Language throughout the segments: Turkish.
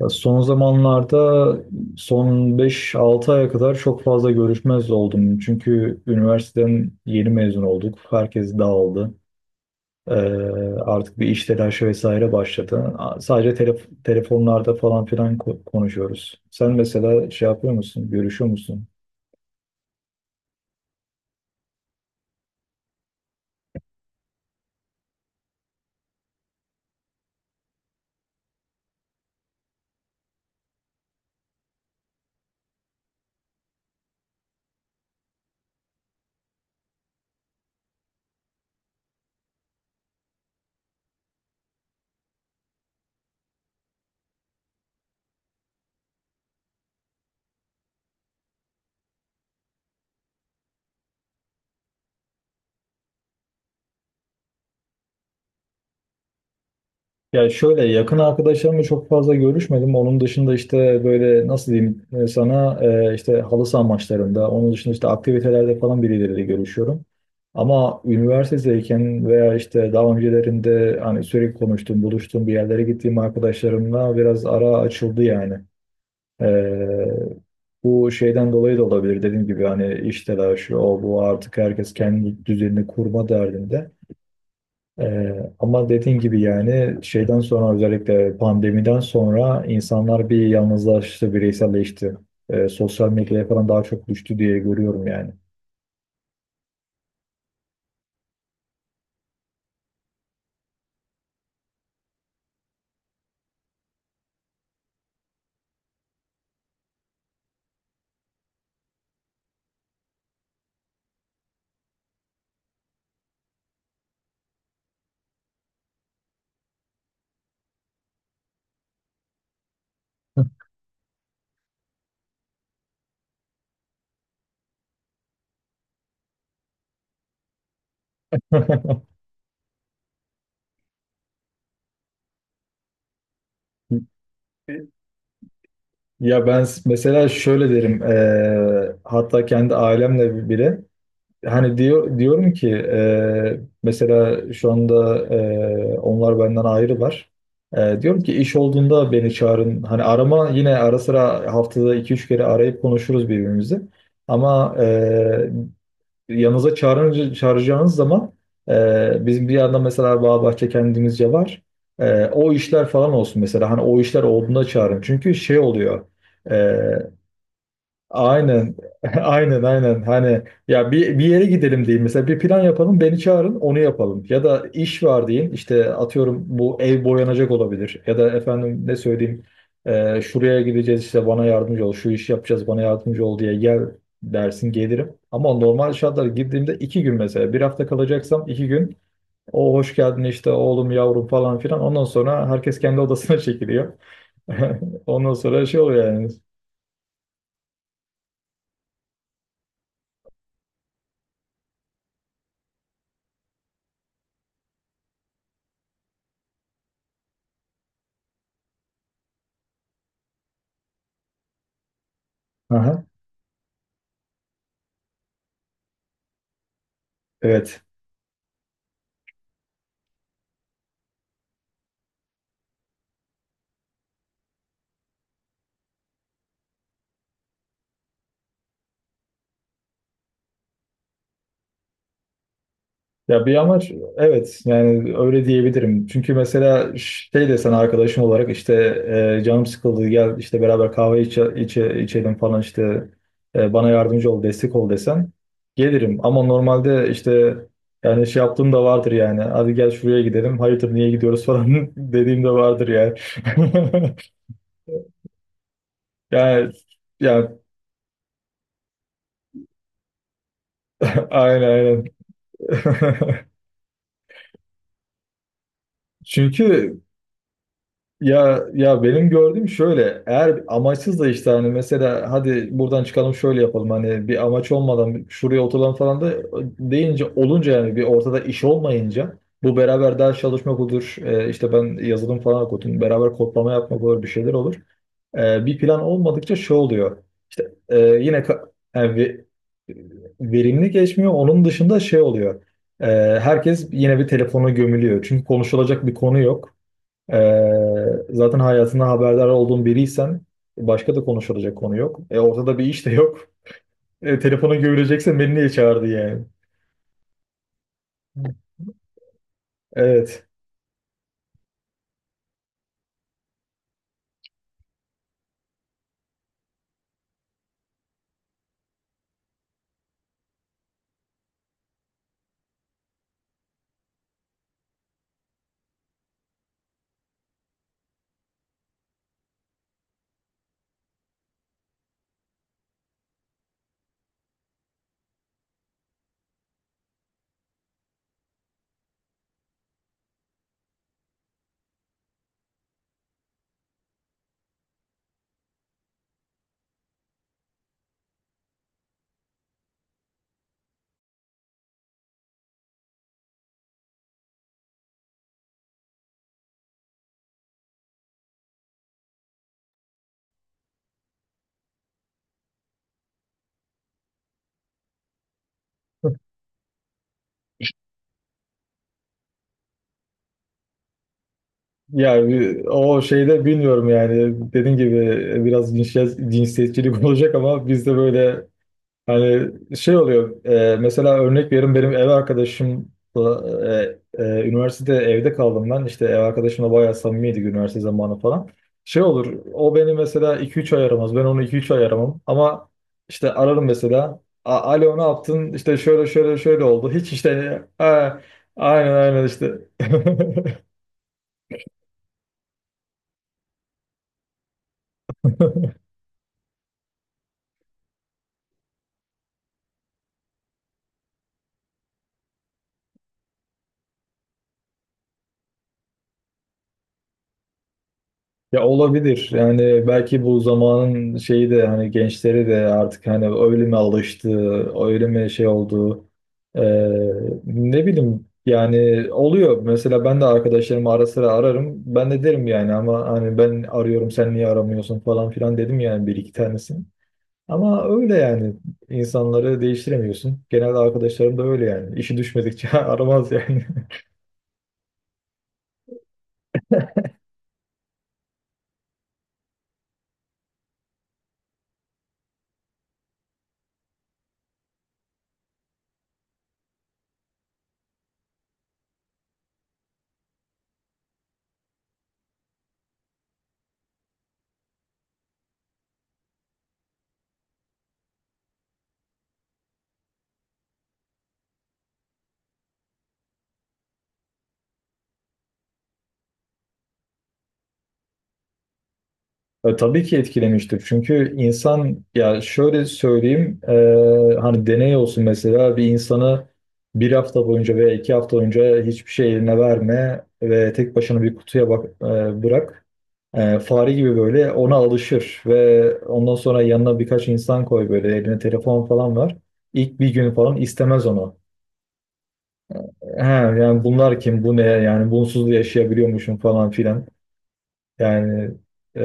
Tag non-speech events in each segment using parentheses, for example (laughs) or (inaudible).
Ya, son zamanlarda son 5-6 aya kadar çok fazla görüşmez oldum. Çünkü üniversiteden yeni mezun olduk. Herkes dağıldı. Ee, artık bir iş telaşı vesaire başladı. Sadece telefonlarda falan filan konuşuyoruz. Sen mesela şey yapıyor musun? Görüşüyor musun? Ya, şöyle, yakın arkadaşlarımla çok fazla görüşmedim. Onun dışında işte, böyle nasıl diyeyim, sana işte halı saha maçlarında, onun dışında işte aktivitelerde falan birileriyle görüşüyorum. Ama üniversitedeyken veya işte daha öncelerinde hani sürekli konuştuğum, buluştuğum, bir yerlere gittiğim arkadaşlarımla biraz ara açıldı yani. E, bu şeyden dolayı da olabilir, dediğim gibi hani iş telaşı, o bu, artık herkes kendi düzenini kurma derdinde. Ama dediğin gibi yani şeyden sonra, özellikle pandemiden sonra insanlar bir yalnızlaştı, bireyselleşti. Sosyal medyaya falan daha çok düştü diye görüyorum yani. (laughs) Ya, ben mesela şöyle derim, hatta kendi ailemle bile hani diyorum ki, mesela şu anda onlar benden ayrılar. Diyorum ki, iş olduğunda beni çağırın. Hani arama, yine ara sıra haftada 2-3 kere arayıp konuşuruz birbirimizi. Ama yanınıza çağırınca, çağıracağınız zaman, bizim bir yandan mesela Bağbahçe kendimizce var. O işler falan olsun mesela. Hani o işler olduğunda çağırın. Çünkü şey oluyor. Aynen. (laughs) Aynen, aynen. Hani, ya bir, bir yere gidelim diyeyim. Mesela bir plan yapalım, beni çağırın, onu yapalım. Ya da iş var deyin. İşte atıyorum, bu ev boyanacak olabilir. Ya da efendim ne söyleyeyim? Şuraya gideceğiz, işte bana yardımcı ol. Şu işi yapacağız, bana yardımcı ol diye gel dersin, gelirim. Ama normal şartlarda girdiğimde 2 gün mesela. Bir hafta kalacaksam 2 gün. O hoş geldin işte, oğlum, yavrum falan filan. Ondan sonra herkes kendi odasına (laughs) çekiliyor. (laughs) Ondan sonra şey oluyor yani. Aha, evet. Ya, bir amaç, evet, yani öyle diyebilirim. Çünkü mesela şey desen, arkadaşım olarak işte, canım sıkıldı, gel işte beraber kahve içelim falan, işte bana yardımcı ol, destek ol desen, gelirim. Ama normalde işte, yani şey yaptığım da vardır yani, hadi gel şuraya gidelim, hayırdır niye gidiyoruz falan (laughs) dediğim de vardır yani. (laughs) Yani, yani. (laughs) Aynen, aynen. (laughs) Çünkü... Ya, ya, benim gördüğüm şöyle, eğer amaçsız da işte, hani mesela hadi buradan çıkalım, şöyle yapalım, hani bir amaç olmadan şuraya oturalım falan da deyince, olunca, yani bir ortada iş olmayınca, bu beraber ders çalışmak olur, işte ben yazılım falan okudum, beraber kodlama yapmak olur, bir şeyler olur. Bir plan olmadıkça şey oluyor işte, yani verimli geçmiyor, onun dışında şey oluyor. E, herkes yine bir telefona gömülüyor, çünkü konuşulacak bir konu yok. Zaten hayatından haberdar olduğun biriysen başka da konuşulacak konu yok. Ortada bir iş de yok. Telefona görülecekse beni niye çağırdı yani? Evet. Yani o şeyde bilmiyorum yani. Dediğim gibi biraz cinsiyetçilik (laughs) olacak ama, biz de böyle, hani şey oluyor, mesela örnek veriyorum, benim ev arkadaşımla üniversitede evde kaldım ben, işte ev arkadaşımla bayağı samimiydik, üniversite zamanı falan. Şey olur, o beni mesela 2-3 ay aramaz, ben onu 2-3 ay aramam, ama işte ararım mesela, "A- alo ne yaptın? İşte şöyle şöyle şöyle oldu, hiç işte." "Ha, aynen, aynen işte." (laughs) Ya, olabilir. Yani belki bu zamanın şeyi de, hani gençleri de artık hani öyle mi alıştı, öyle mi şey oldu. Ee, ne bileyim yani, oluyor. Mesela ben de arkadaşlarımı ara sıra ararım. Ben de derim yani, ama hani ben arıyorum, sen niye aramıyorsun falan filan dedim yani bir iki tanesini. Ama öyle yani, insanları değiştiremiyorsun. Genelde arkadaşlarım da öyle yani. İşi düşmedikçe (laughs) aramaz yani. Tabii ki etkilemiştir. Çünkü insan, ya şöyle söyleyeyim, hani deney olsun, mesela bir insanı bir hafta boyunca veya 2 hafta boyunca hiçbir şey eline verme ve tek başına bir kutuya bak, bırak. Fare gibi böyle ona alışır ve ondan sonra yanına birkaç insan koy, böyle eline telefon falan var. İlk bir gün falan istemez onu. He, yani bunlar kim, bu ne yani, bunsuz da yaşayabiliyormuşum falan filan. Yani e,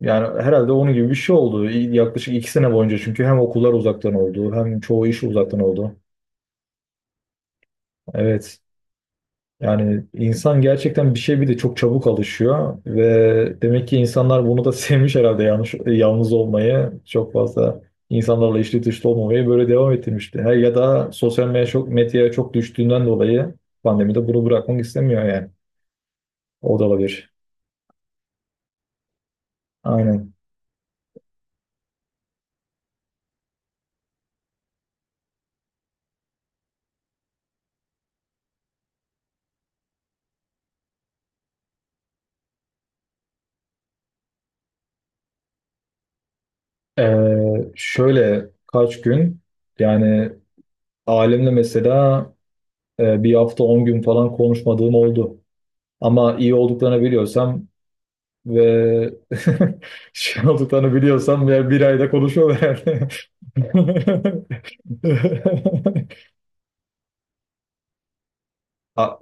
yani herhalde onun gibi bir şey oldu. Yaklaşık 2 sene boyunca, çünkü hem okullar uzaktan oldu, hem çoğu iş uzaktan oldu. Evet. Yani insan gerçekten bir şey, bir de çok çabuk alışıyor ve demek ki insanlar bunu da (laughs) sevmiş herhalde, yalnız olmayı çok fazla, insanlarla içli dışlı olmamayı böyle devam ettirmişti. Her, ya da sosyal medyaya çok düştüğünden dolayı pandemide bunu bırakmak istemiyor yani. O da olabilir. Aynen. Şöyle kaç gün, yani ailemle mesela, bir hafta 10 gün falan konuşmadığım oldu. Ama iyi olduklarını biliyorsam ve (laughs) şey olduklarını biliyorsam, ya bir ayda konuşuyorlar yani. (laughs) A-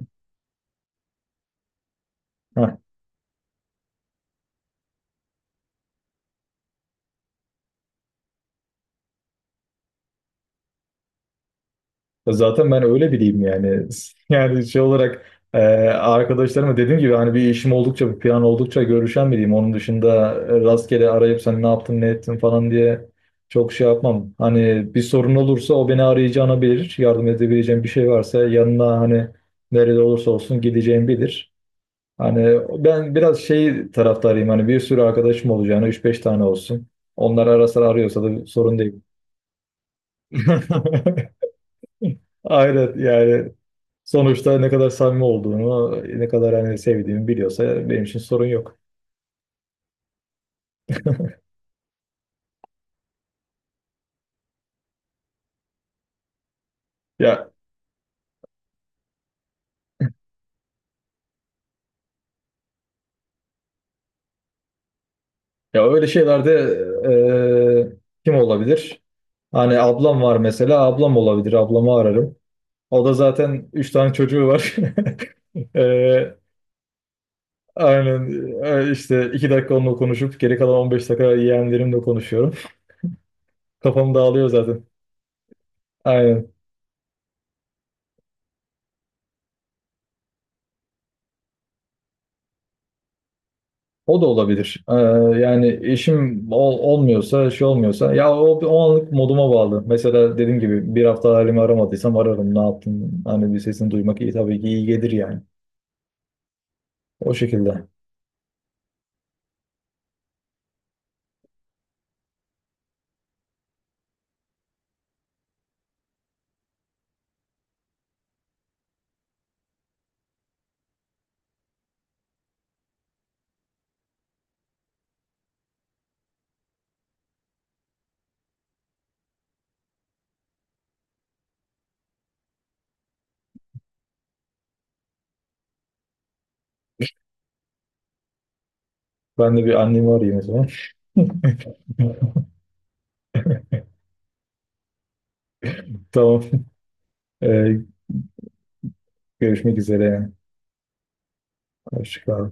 Zaten ben öyle biriyim yani. (laughs) Yani şey olarak, e, arkadaşlarıma dediğim gibi, hani bir işim oldukça, bir plan oldukça görüşen biriyim. Onun dışında rastgele arayıp sen ne yaptın, ne ettin falan diye çok şey yapmam. Hani bir sorun olursa o beni arayacağını bilir. Yardım edebileceğim bir şey varsa, yanına, hani nerede olursa olsun gideceğim bilir. Hani ben biraz şey taraftarıyım, hani bir sürü arkadaşım olacağını, üç beş tane olsun. Onlar ara sıra arıyorsa da sorun değil. (laughs) Aynen yani, sonuçta ne kadar samimi olduğunu, ne kadar hani sevdiğimi biliyorsa benim için sorun yok. Ya, ya öyle şeylerde, eee, kim olabilir? Hani ablam var mesela, ablam olabilir. Ablamı ararım. O da zaten üç tane çocuğu var. (laughs) Eee, aynen, işte 2 dakika onunla konuşup geri kalan 15 dakika yeğenlerimle konuşuyorum. (laughs) Kafam dağılıyor zaten. Aynen. O da olabilir. Yani işim olmuyorsa, şey olmuyorsa. Ya o anlık moduma bağlı. Mesela dediğim gibi bir hafta halimi aramadıysam ararım. Ne yaptın? Hani bir sesini duymak iyi, tabii ki iyi gelir yani. O şekilde. Ben de bir annemi arayayım o zaman. (laughs) Tamam. Ee, görüşmek üzere. Hoşçakal.